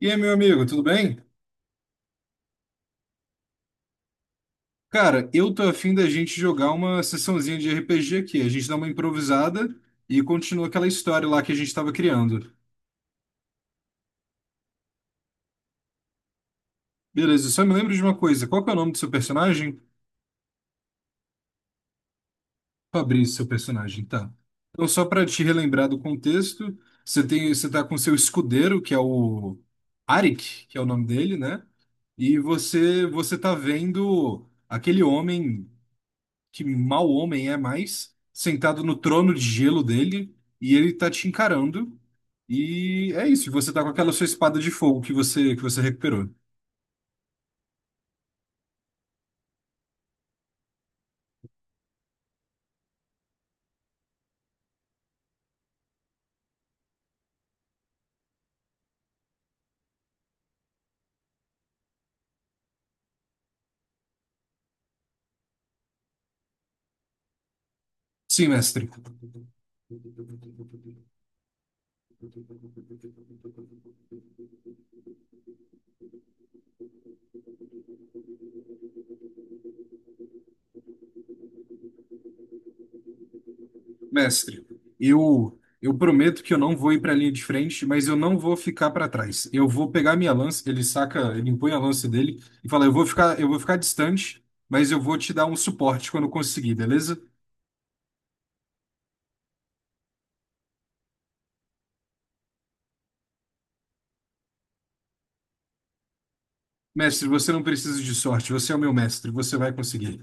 E aí, meu amigo, tudo bem? Cara, eu tô afim da gente jogar uma sessãozinha de RPG aqui. A gente dá uma improvisada e continua aquela história lá que a gente tava criando. Beleza, só me lembro de uma coisa. Qual que é o nome do seu personagem? Fabrício, seu personagem, tá. Então, só pra te relembrar do contexto, você tá com seu escudeiro, que é o Arik, que é o nome dele, né? E você tá vendo aquele homem que mal homem é mais, sentado no trono de gelo dele, e ele tá te encarando. E é isso, e você tá com aquela sua espada de fogo que você recuperou. Sim, mestre. Mestre, eu eu prometo que eu não vou ir para a linha de frente, mas eu não vou ficar para trás. Eu vou pegar minha lança, ele saca, ele impõe a lança dele e fala: eu vou ficar distante, mas eu vou te dar um suporte quando conseguir, beleza?" Mestre, você não precisa de sorte, você é o meu mestre, você vai conseguir.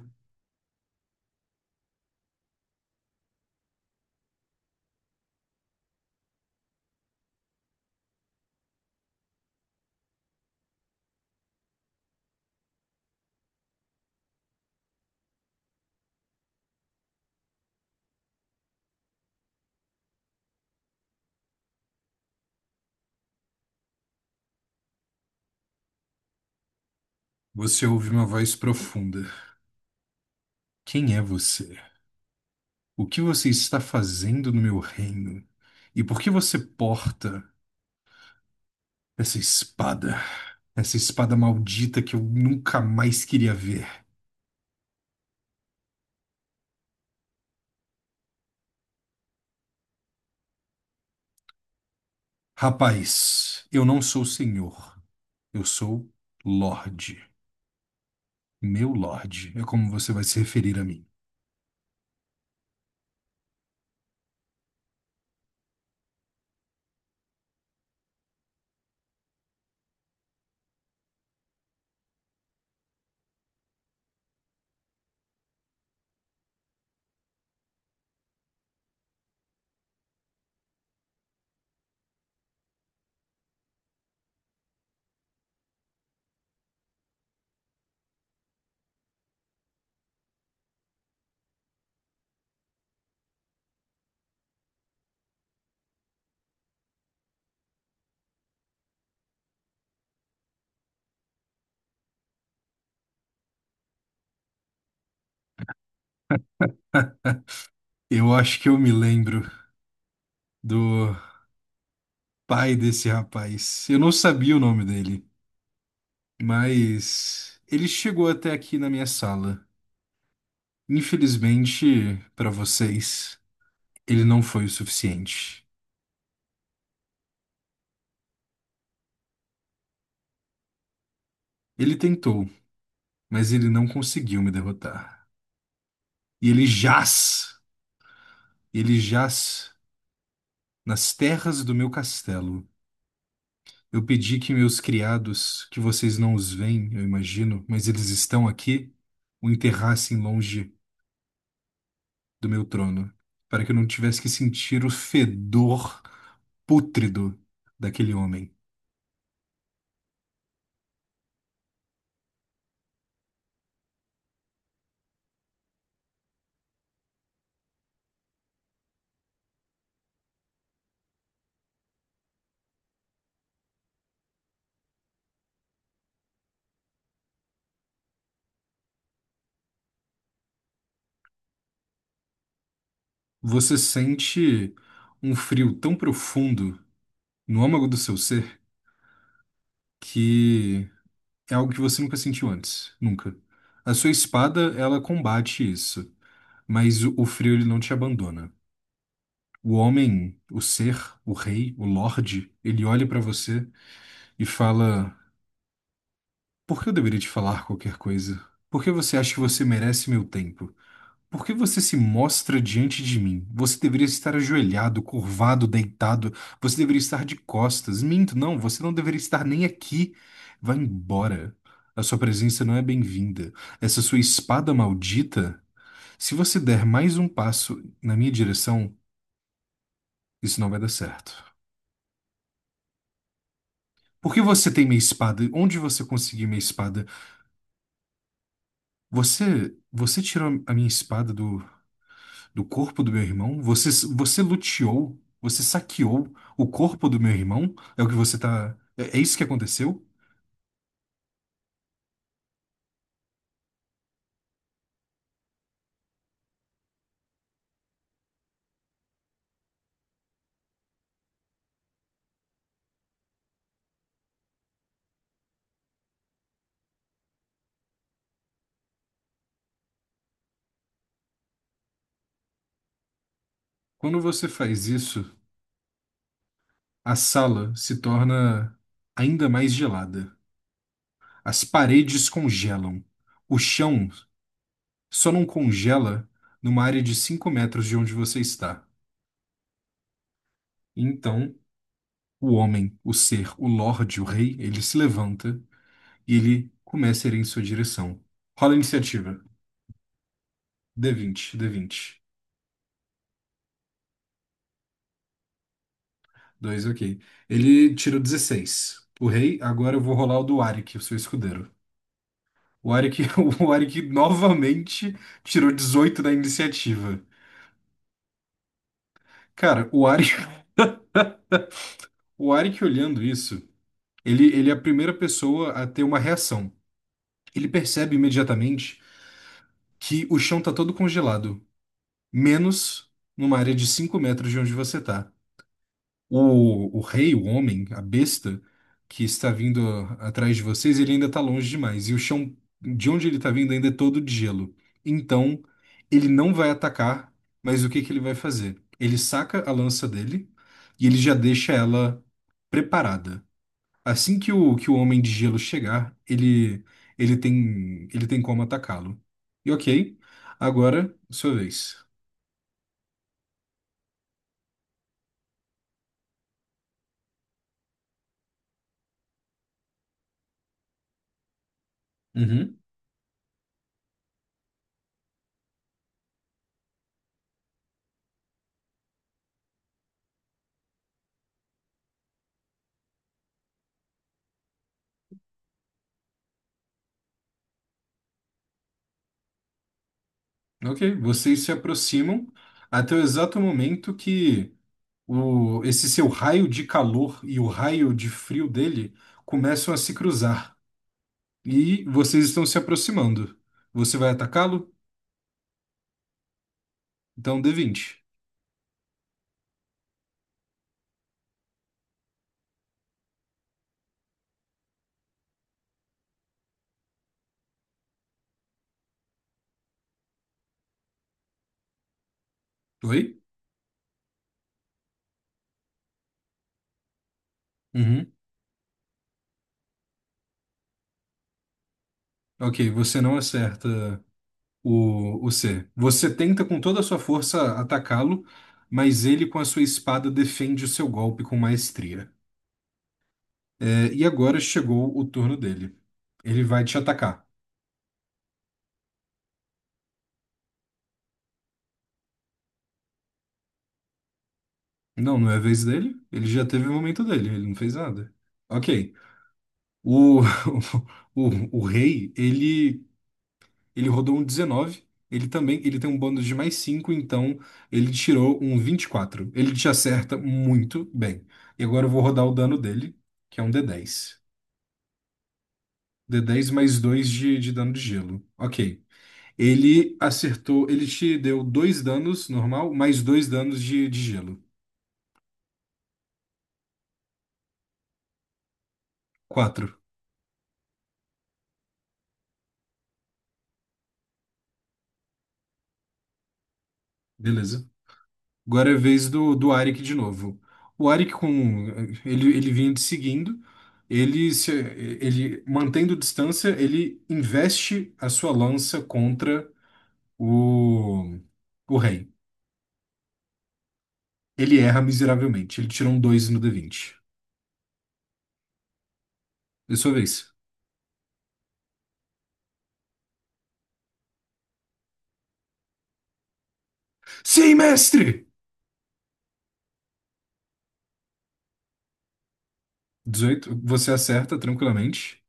Você ouve uma voz profunda. Quem é você? O que você está fazendo no meu reino? E por que você porta essa espada? Essa espada maldita que eu nunca mais queria ver. Rapaz, eu não sou senhor, eu sou Lorde. Meu Lorde é como você vai se referir a mim. Eu acho que eu me lembro do pai desse rapaz. Eu não sabia o nome dele. Mas ele chegou até aqui na minha sala. Infelizmente, para vocês, ele não foi o suficiente. Ele tentou, mas ele não conseguiu me derrotar. E ele jaz nas terras do meu castelo. Eu pedi que meus criados, que vocês não os veem, eu imagino, mas eles estão aqui, o enterrassem longe do meu trono, para que eu não tivesse que sentir o fedor pútrido daquele homem. Você sente um frio tão profundo no âmago do seu ser que é algo que você nunca sentiu antes, nunca. A sua espada, ela combate isso, mas o frio ele não te abandona. O homem, o ser, o rei, o lorde, ele olha pra você e fala: "Por que eu deveria te falar qualquer coisa? Por que você acha que você merece meu tempo?" Por que você se mostra diante de mim? Você deveria estar ajoelhado, curvado, deitado. Você deveria estar de costas. Minto, não, você não deveria estar nem aqui. Vá embora. A sua presença não é bem-vinda. Essa sua espada maldita. Se você der mais um passo na minha direção, isso não vai dar certo. Por que você tem minha espada? Onde você conseguiu minha espada? Você tirou a minha espada do do corpo do meu irmão? Você luteou? Você saqueou o corpo do meu irmão? É o que você tá. É isso que aconteceu? Quando você faz isso, a sala se torna ainda mais gelada. As paredes congelam. O chão só não congela numa área de 5 metros de onde você está. Então, o homem, o ser, o lorde, o rei, ele se levanta e ele começa a ir em sua direção. Rola a iniciativa. D vinte. D vinte. Dois, ok. Ele tirou 16. O rei, agora eu vou rolar o do Arik, o seu escudeiro. O Arik, o Arik novamente tirou 18 da iniciativa. Cara, o Arik olhando isso, ele é a primeira pessoa a ter uma reação. Ele percebe imediatamente que o chão tá todo congelado, menos numa área de 5 metros de onde você tá. O rei, o homem, a besta que está vindo atrás de vocês, ele ainda está longe demais. E o chão de onde ele está vindo ainda é todo de gelo. Então, ele não vai atacar, mas o que que ele vai fazer? Ele saca a lança dele e ele já deixa ela preparada. Assim que o homem de gelo chegar, ele, ele tem como atacá-lo. E ok, agora, sua vez. Ok, vocês se aproximam até o exato momento que esse seu raio de calor e o raio de frio dele começam a se cruzar. E vocês estão se aproximando. Você vai atacá-lo? Então d vinte. Oi? Uhum. Ok, você não acerta o C. Você tenta com toda a sua força atacá-lo, mas ele com a sua espada defende o seu golpe com maestria. É, e agora chegou o turno dele. Ele vai te atacar. Não, não é a vez dele. Ele já teve o momento dele, ele não fez nada. Ok. O, o, o rei, ele rodou um 19. Ele também, ele tem um bônus de mais 5. Então ele tirou um 24. Ele te acerta muito bem. E agora eu vou rodar o dano dele, que é um d10. D dez mais 2 de dano de gelo. Ok. Ele acertou, ele te deu dois danos normal, mais dois danos de gelo. 4. Beleza. Agora é a vez do Arik de novo. O Arik com ele, ele vinha te seguindo, ele se, ele mantendo distância, ele investe a sua lança contra o o rei. Ele erra miseravelmente. Ele tirou um 2 no d vinte. É sua vez. Sim, mestre! 18 você acerta tranquilamente.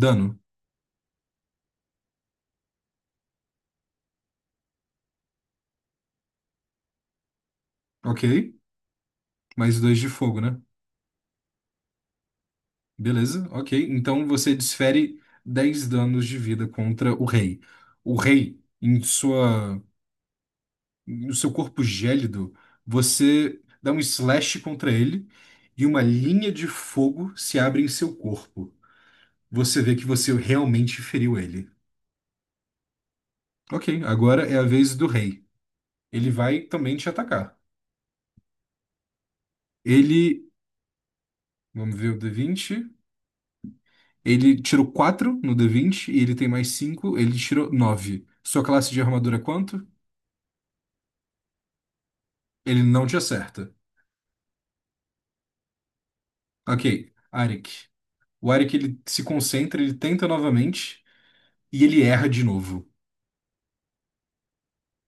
Dano, ok? Mais dois de fogo, né? Beleza, ok. Então você desfere 10 danos de vida contra o rei. O rei, em sua, no seu corpo gélido, você dá um slash contra ele e uma linha de fogo se abre em seu corpo. Você vê que você realmente feriu ele. Ok, agora é a vez do rei. Ele vai também te atacar. Ele, vamos ver o D20. Ele tirou 4 no D20 e ele tem mais 5. Ele tirou 9. Sua classe de armadura é quanto? Ele não te acerta. Ok, Arik. O Arik ele se concentra, ele tenta novamente e ele erra de novo.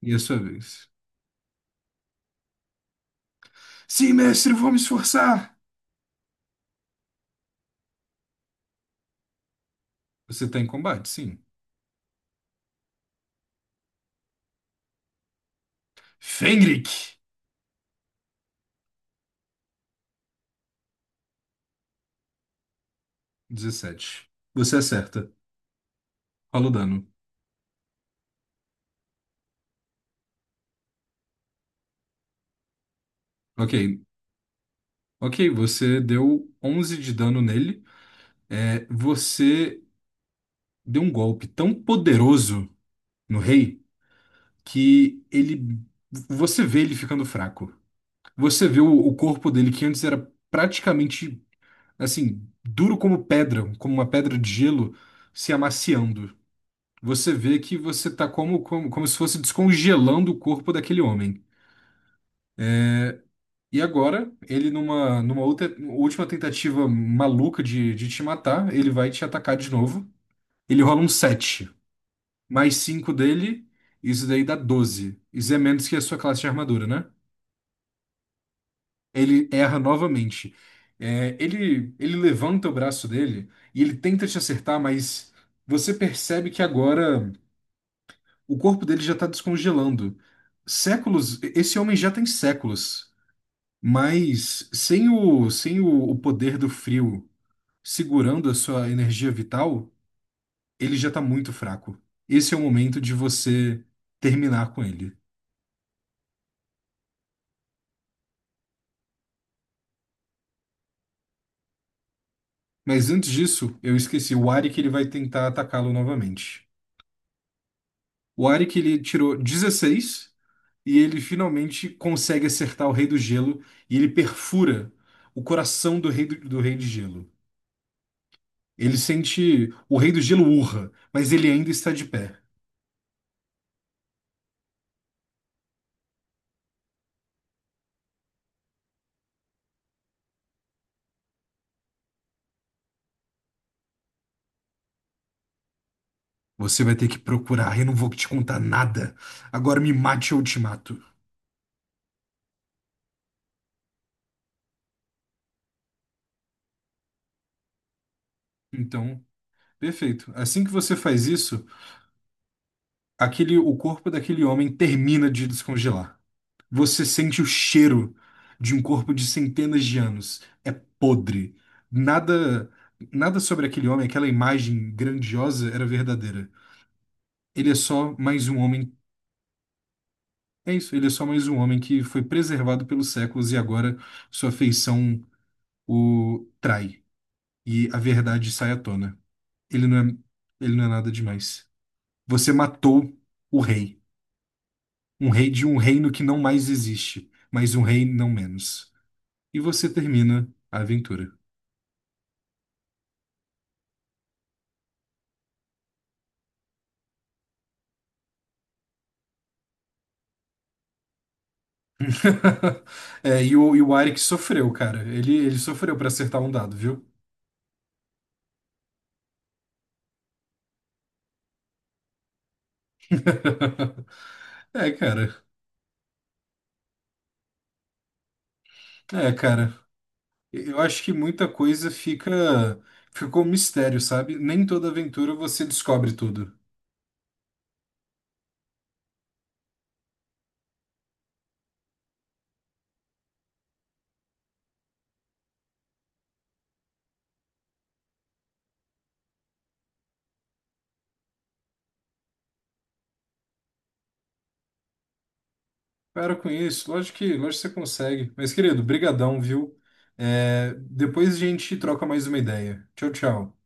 E é a sua vez. Sim, mestre, vou me esforçar. Você tá em combate, sim. Fenrik! 17. Você acerta. Rola o dano. Ok. Ok, você deu 11 de dano nele. É, você deu um golpe tão poderoso no rei que ele. Você vê ele ficando fraco. Você vê o corpo dele que antes era praticamente assim, duro como pedra, como uma pedra de gelo se amaciando. Você vê que você tá como, como, como se fosse descongelando o corpo daquele homem. E agora, ele numa última tentativa maluca de te matar, ele vai te atacar de novo. Ele rola um 7, mais 5 dele, isso daí dá 12. Isso é menos que a sua classe de armadura, né? Ele erra novamente. É, ele levanta o braço dele e ele tenta te acertar, mas você percebe que agora o corpo dele já está descongelando. Séculos, esse homem já tem séculos, mas sem o poder do frio segurando a sua energia vital, ele já está muito fraco. Esse é o momento de você terminar com ele. Mas antes disso, eu esqueci o Ari que ele vai tentar atacá-lo novamente. O Arik, ele tirou 16 e ele finalmente consegue acertar o Rei do Gelo e ele perfura o coração do Rei do Rei de Gelo. Ele sente o Rei do Gelo urra, mas ele ainda está de pé. Você vai ter que procurar, eu não vou te contar nada. Agora me mate ou eu te mato. Então, perfeito. Assim que você faz isso, aquele o corpo daquele homem termina de descongelar. Você sente o cheiro de um corpo de centenas de anos. É podre. Nada, nada sobre aquele homem, aquela imagem grandiosa era verdadeira. Ele é só mais um homem. É isso, ele é só mais um homem que foi preservado pelos séculos e agora sua feição o trai e a verdade sai à tona. Ele não é, ele não é nada demais. Você matou o rei, um rei de um reino que não mais existe, mas um rei não menos. E você termina a aventura. É, e o Arik sofreu, cara. Ele sofreu pra acertar um dado, viu? É, cara. É, cara. Eu acho que muita coisa fica ficou um mistério, sabe? Nem toda aventura você descobre tudo. Para com isso. Lógico que você consegue. Mas, querido, brigadão, viu? É, depois a gente troca mais uma ideia. Tchau, tchau.